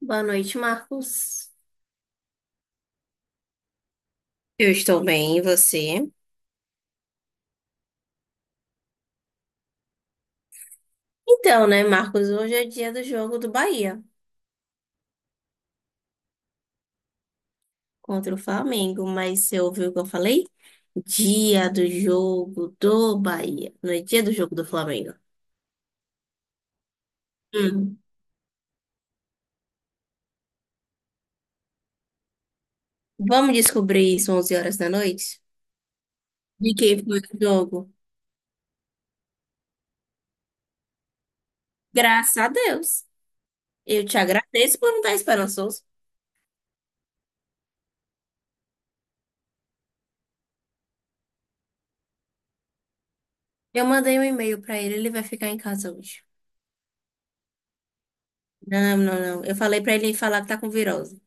Boa noite, Marcos. Eu estou bem, e você? Então, né, Marcos, hoje é dia do jogo do Bahia contra o Flamengo, mas você ouviu o que eu falei? Dia do jogo do Bahia, não é dia do jogo do Flamengo. Hum. Vamos descobrir isso 11 horas da noite? De quem foi o jogo? Graças a Deus. Eu te agradeço por não estar esperançoso. Eu mandei um e-mail para ele, ele vai ficar em casa hoje. Não, não, não. Eu falei para ele falar que tá com virose.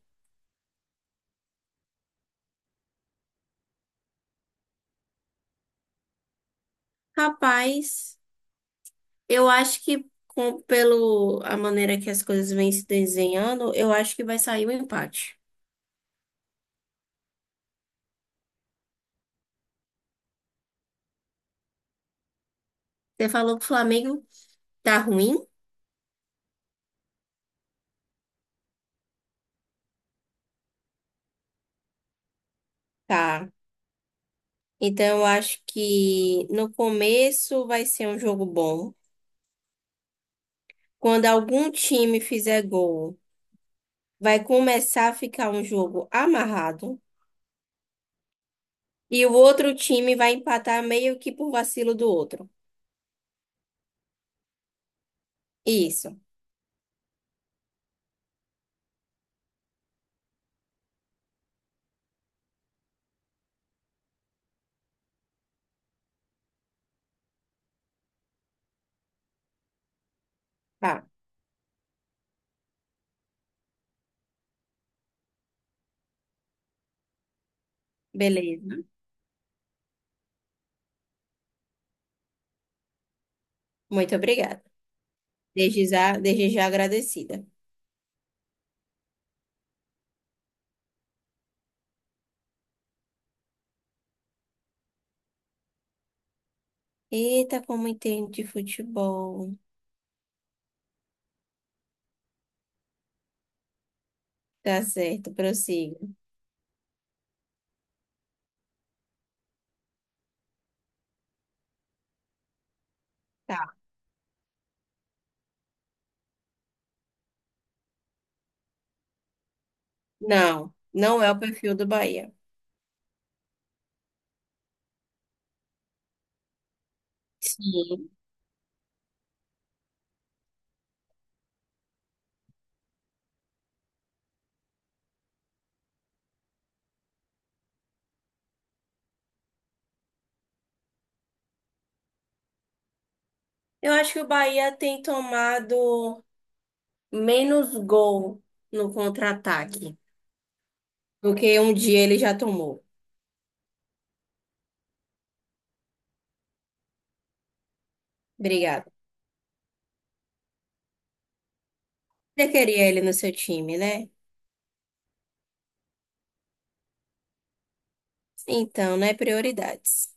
Rapaz. Eu acho que pelo a maneira que as coisas vêm se desenhando, eu acho que vai sair o empate. Você falou que o Flamengo tá ruim? Tá. Então eu acho que no começo vai ser um jogo bom. Quando algum time fizer gol, vai começar a ficar um jogo amarrado. E o outro time vai empatar meio que por vacilo do outro. Isso. Tá. Beleza. Muito obrigada. Desde já agradecida. Eita, como entendo de futebol. Tá certo, prossigo. Tá. Não, não é o perfil do Bahia. Sim. Eu acho que o Bahia tem tomado menos gol no contra-ataque do que um dia ele já tomou. Obrigada. Você queria ele no seu time, né? Então, né? Prioridades.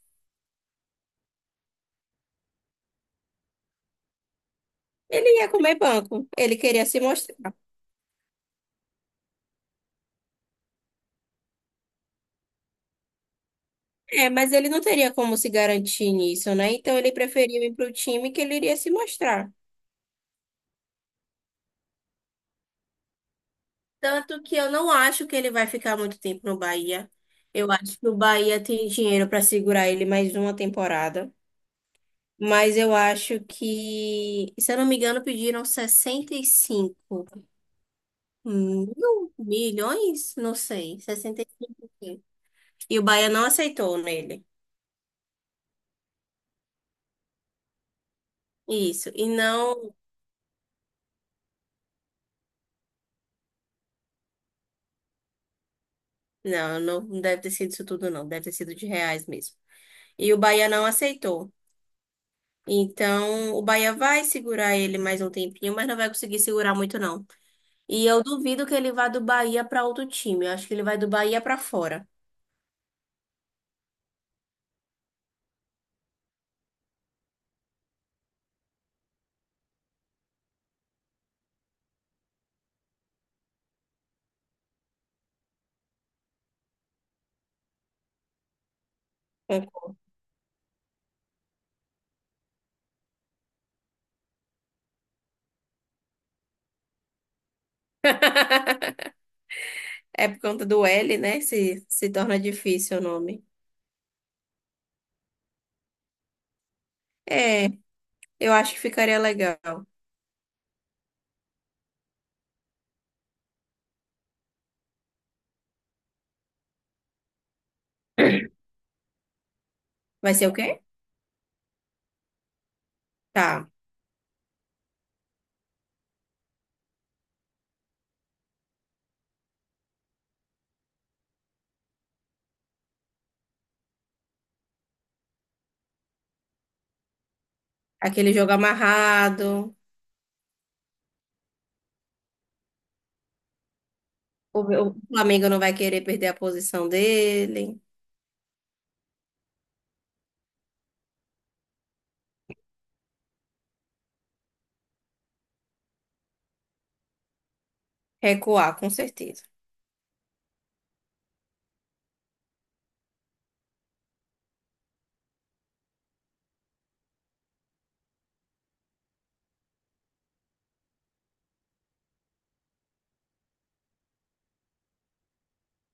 Ele ia comer banco, ele queria se mostrar. É, mas ele não teria como se garantir nisso, né? Então ele preferiu ir para o time que ele iria se mostrar. Tanto que eu não acho que ele vai ficar muito tempo no Bahia. Eu acho que o Bahia tem dinheiro para segurar ele mais uma temporada. Mas eu acho que, se eu não me engano, pediram 65 mil milhões? Não sei. 65 mil. E o Bahia não aceitou nele. Isso. E não. Não, não deve ter sido isso tudo, não. Deve ter sido de reais mesmo. E o Bahia não aceitou. Então, o Bahia vai segurar ele mais um tempinho, mas não vai conseguir segurar muito, não. E eu duvido que ele vá do Bahia para outro time. Eu acho que ele vai do Bahia para fora. É por conta do L, né? Se torna difícil o nome. É, eu acho que ficaria legal. Vai ser o quê? Tá. Aquele jogo amarrado. O, o Flamengo não vai querer perder a posição dele. Recuar, com certeza.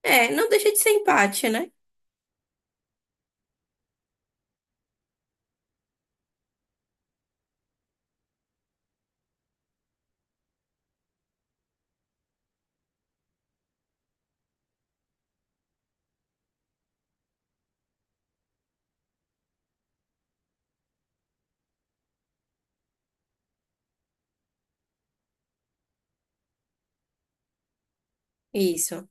É, não deixa de ser empate, né? Isso.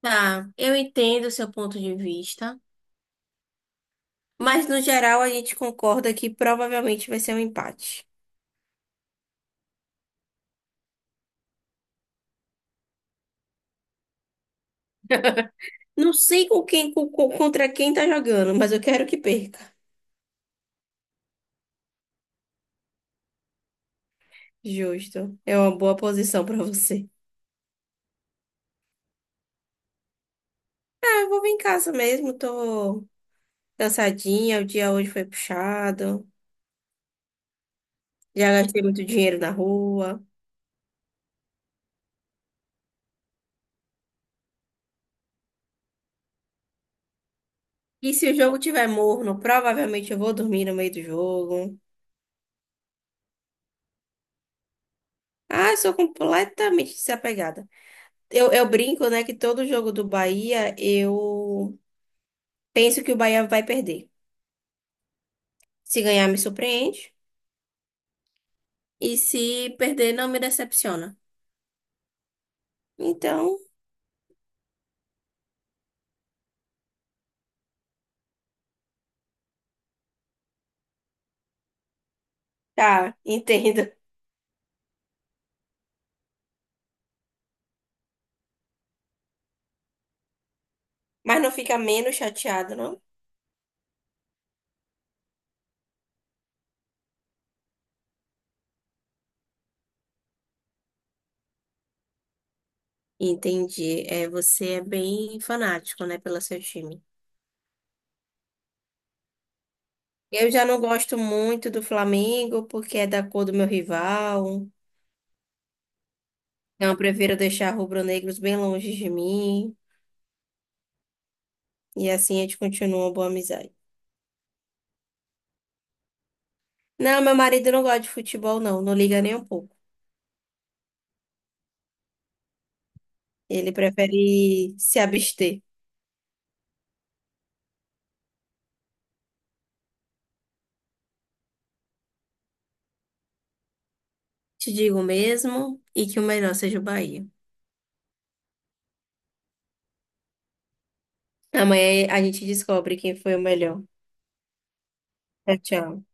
Tá, eu entendo o seu ponto de vista, mas no geral a gente concorda que provavelmente vai ser um empate. Não sei com quem, contra quem tá jogando, mas eu quero que perca. Justo. É uma boa posição pra você. Ah, eu vou vir em casa mesmo, tô cansadinha, o dia hoje foi puxado, já gastei muito dinheiro na rua. E se o jogo tiver morno, provavelmente eu vou dormir no meio do jogo. Ah, eu sou completamente desapegada. Eu brinco, né, que todo jogo do Bahia eu penso que o Bahia vai perder. Se ganhar, me surpreende. E se perder, não me decepciona. Então, tá, entendo. Mas não fica menos chateado, não? Entendi. É, você é bem fanático, né, pelo seu time. Eu já não gosto muito do Flamengo, porque é da cor do meu rival. Então, eu prefiro deixar rubro-negros bem longe de mim. E assim a gente continua uma boa amizade. Não, meu marido não gosta de futebol, não. Não liga nem um pouco. Ele prefere se abster. Te digo mesmo e que o melhor seja o Bahia. Amanhã a gente descobre quem foi o melhor. Tchau, tchau.